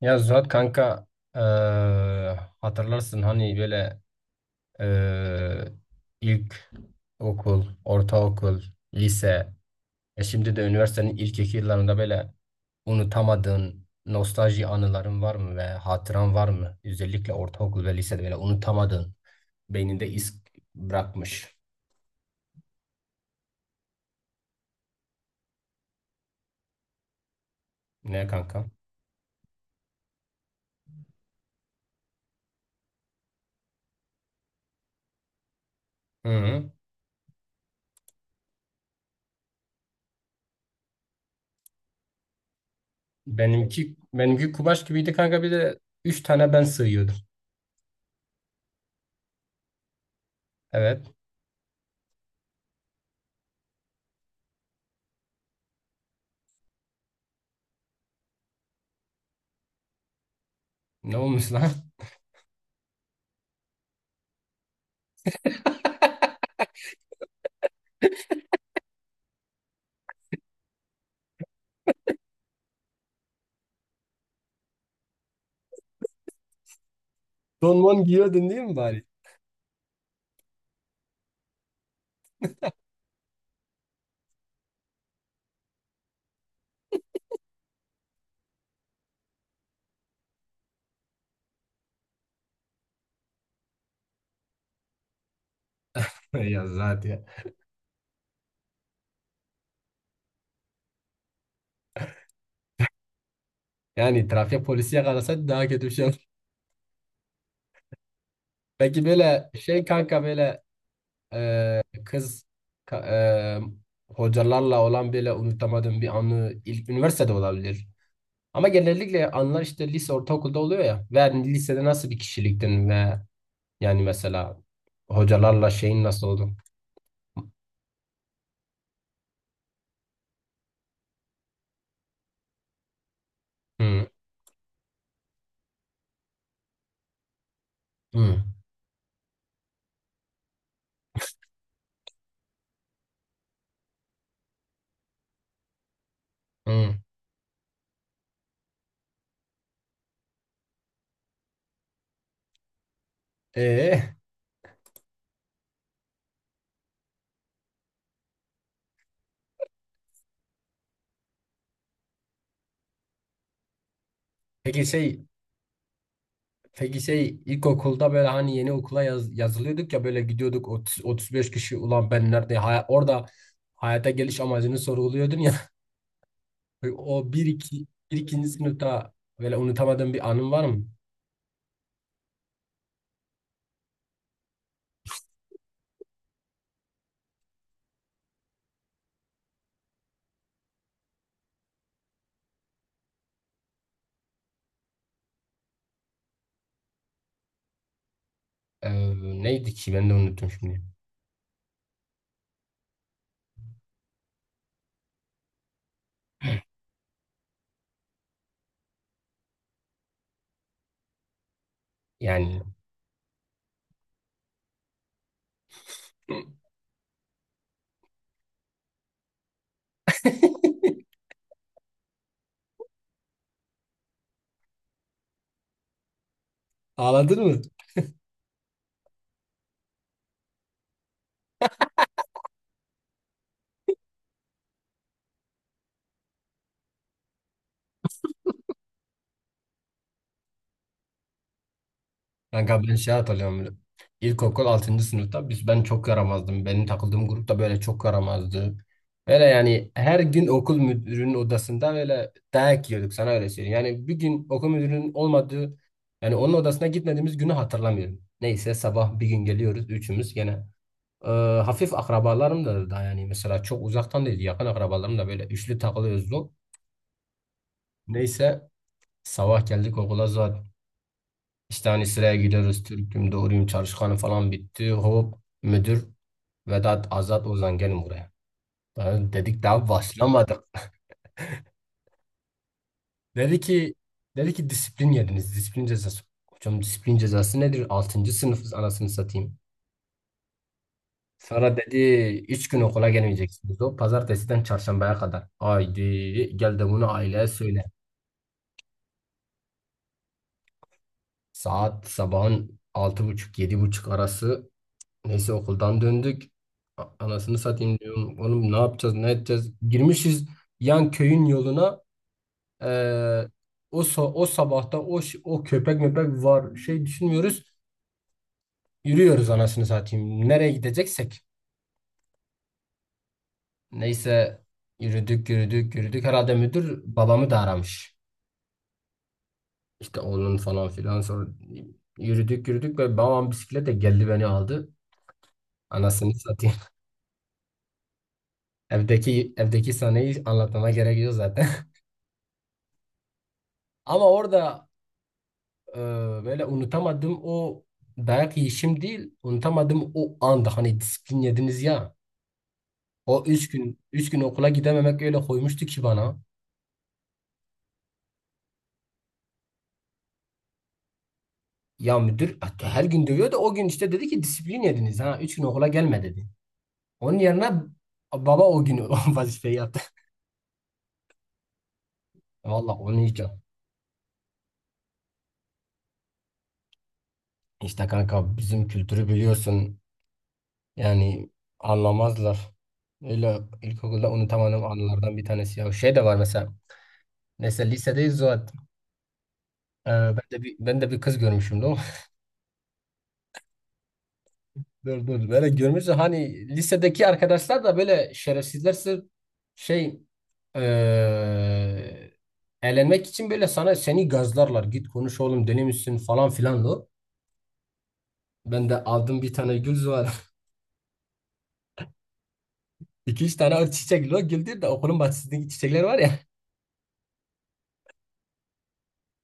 Ya Zuhat kanka, hatırlarsın hani böyle, eee, ilk okul, ortaokul, lise, şimdi de üniversitenin ilk iki yıllarında böyle unutamadığın nostalji anıların var mı ve hatıran var mı? Özellikle ortaokul ve lisede böyle unutamadığın, beyninde iz bırakmış. Ne kanka? Hı hı. Benimki kumaş gibiydi kanka, bir de üç tane ben sığıyordum. Evet. Ne olmuş lan? Donman giyiyordun değil mi bari? Ya zaten. Yani trafik polisi yakalasaydı daha kötü bir şey olur. Peki böyle şey kanka, böyle e, kız ka- hocalarla olan böyle unutamadığım bir anı ilk üniversitede olabilir. Ama genellikle anılar işte lise, ortaokulda oluyor ya. Ve hani lisede nasıl bir kişiliktin ve yani mesela hocalarla şeyin nasıl oldu? Hı, hı, hı. E, peki şey Peki şey, ilkokulda böyle hani yeni okula yazılıyorduk ya, böyle gidiyorduk 30, 35 kişi, ulan ben nerede, orada hayata geliş amacını sorguluyordun ya. o bir iki, bir ikinci sınıfta böyle unutamadığın bir anın var mı? Ee, neydi ki, ben de unuttum şimdi. Yani ağladın mı? Kanka ben şey hatırlıyorum. İlkokul altıncı sınıfta ben çok yaramazdım. Benim takıldığım grupta böyle çok yaramazdı. Böyle yani her gün okul müdürünün odasında böyle dayak yiyorduk, sana öyle söyleyeyim. Yani bir gün okul müdürünün olmadığı, yani onun odasına gitmediğimiz günü hatırlamıyorum. Neyse, sabah bir gün geliyoruz üçümüz gene. Ee, hafif akrabalarım da, yani mesela çok uzaktan değil, yakın akrabalarım, da böyle üçlü takılıyoruz. Neyse, sabah geldik okula, işte hani sıraya giriyoruz. Türk'üm, doğruyum, çalışkanım falan bitti. Hop, müdür: Vedat, Azat, Ozan, gelin buraya. Ben dedik daha başlamadık. Dedi ki dedi ki disiplin yediniz. Disiplin cezası. Hocam, disiplin cezası nedir? Altıncı sınıfız anasını satayım. Sonra dedi 3 gün okula gelmeyeceksiniz. O pazartesiden çarşambaya kadar. Haydi gel de bunu aileye söyle. Saat sabahın altı buçuk, yedi buçuk arası. Neyse, okuldan döndük. Anasını satayım diyorum. Oğlum ne yapacağız, ne edeceğiz? Girmişiz yan köyün yoluna. Ee, o sabahta, o köpek möpek var, şey düşünmüyoruz. Yürüyoruz anasını satayım. Nereye gideceksek. Neyse, yürüdük yürüdük yürüdük. Herhalde müdür babamı da aramış. İşte oğlun falan filan. Sonra yürüdük yürüdük ve babam bisikletle geldi, beni aldı. Anasını satayım. Evdeki sahneyi anlatmama gerek yok zaten. Ama orada, Ee, böyle unutamadığım o dayak yiyişim değil, unutamadım o anda hani disiplin yediniz ya. O üç gün, üç gün okula gidememek öyle koymuştu ki bana. Ya müdür hatta her gün dövüyor, da o gün işte dedi ki disiplin yediniz ha. 3 gün okula gelme dedi. Onun yerine baba o gün o vazifeyi yaptı. Valla onu yiyeceğim. İşte kanka, bizim kültürü biliyorsun. Yani anlamazlar. Öyle ilkokulda unutamadığım anılardan bir tanesi ya. Şey de var mesela. Mesela lisedeyiz, o. Ben de bir kız görmüşüm lan. Dur dur. Böyle görmüşsün hani, lisedeki arkadaşlar da böyle şerefsizler, sırf şey eee eğlenmek için böyle sana, seni gazlarlar. Git konuş oğlum, deli misin, falan filan lo. Ben de aldım, bir tane gül var. İki üç tane o çiçek, lo güldür de, okulun bahçesindeki çiçekler var ya.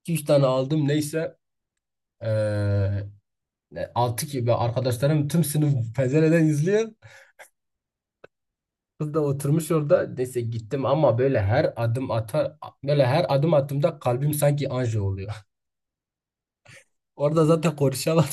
İki üç tane aldım neyse. Eee Altı gibi arkadaşlarım, tüm sınıf pencereden izliyor. Kız da oturmuş orada. Neyse gittim, ama böyle her adım attığımda kalbim sanki anji oluyor. Orada zaten konuşamadım.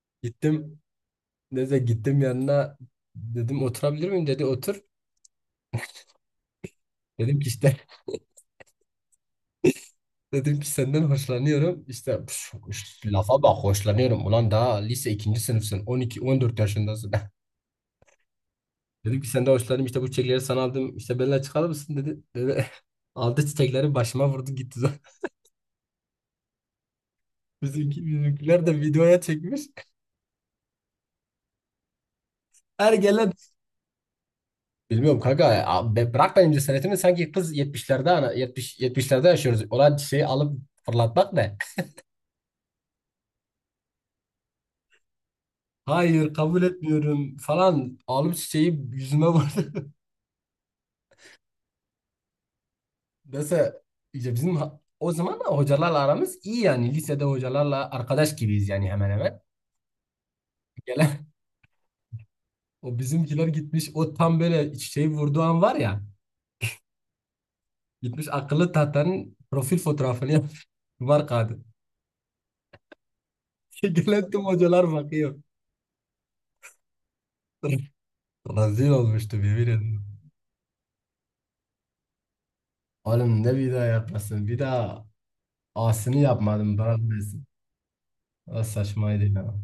Gittim. Neyse gittim yanına. Dedim oturabilir miyim? Dedi otur. Dedim ki işte dedim ki senden hoşlanıyorum. İşte püf, şu lafa bak, hoşlanıyorum. Ulan daha lise ikinci sınıfsın. On iki, on dört yaşındasın. Dedim ki senden hoşlanıyorum. İşte bu çiçekleri sana aldım. İşte benimle çıkar mısın dedi. Aldı çiçekleri, başıma vurdu, gitti. Bizimkiler de videoya çekmiş. Ergenler. Bilmiyorum kanka. Ya bırak benim cesaretimi. Sanki kız, yetmişlerde, ana yetmiş, yetmişlerde yaşıyoruz. Olan şeyi alıp fırlatmak ne? Hayır kabul etmiyorum falan. Alıp çiçeği yüzüme vurdu. mesela, İşte bizim, o zaman da hocalarla aramız iyi, yani lisede hocalarla arkadaş gibiyiz yani, hemen hemen. Gelen, o bizimkiler gitmiş, o tam böyle çiçeği vurduğu an var ya. Gitmiş akıllı tahtanın profil fotoğrafını yapmış. Var kadın. Gelen tüm hocalar bakıyor. Rezil olmuştu, yemin ederim. Oğlum ne bir daha yapmasın, bir daha asini yapmadım, bana bilirsin. O saçmaydı ya.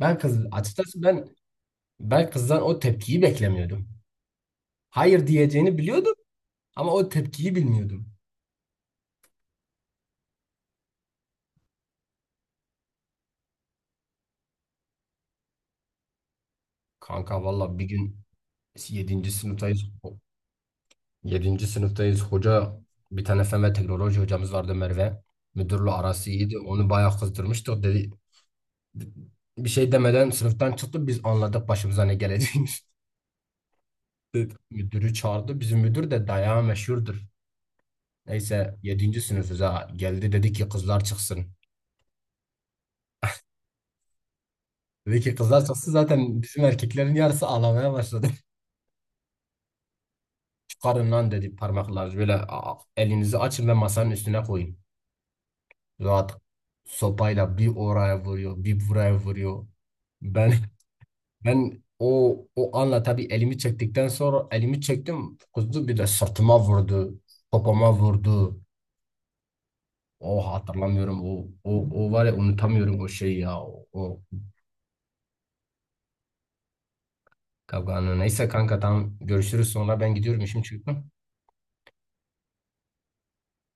Ben kız, açıkçası ben kızdan o tepkiyi beklemiyordum. Hayır diyeceğini biliyordum ama o tepkiyi bilmiyordum. Kanka valla bir gün yedinci sınıftayız. yedinci sınıftayız. Hoca, bir tane fen ve teknoloji hocamız vardı, Merve. Müdürle arası iyiydi. Onu bayağı kızdırmıştık. Dedi, bir şey demeden sınıftan çıktı. Biz anladık başımıza ne geleceğini. Müdürü çağırdı. Bizim müdür de dayağı meşhurdur. Neyse yedinci sınıfız ha. Geldi dedi ki kızlar çıksın. Dedi ki kızlar çıksın, zaten bizim erkeklerin yarısı ağlamaya başladı. Çıkarın lan dedi, parmaklar böyle, "Aa, elinizi açın ve masanın üstüne koyun." Rahat sopayla bir oraya vuruyor, bir buraya vuruyor. Ben ben o anla, tabii, elimi çektikten sonra, elimi çektim kuzu, bir de sırtıma vurdu. Popoma vurdu. O hatırlamıyorum, o var ya, unutamıyorum o şeyi ya, o. Kavganlı. Neyse kanka, tamam, görüşürüz sonra, ben gidiyorum, işim çıktı.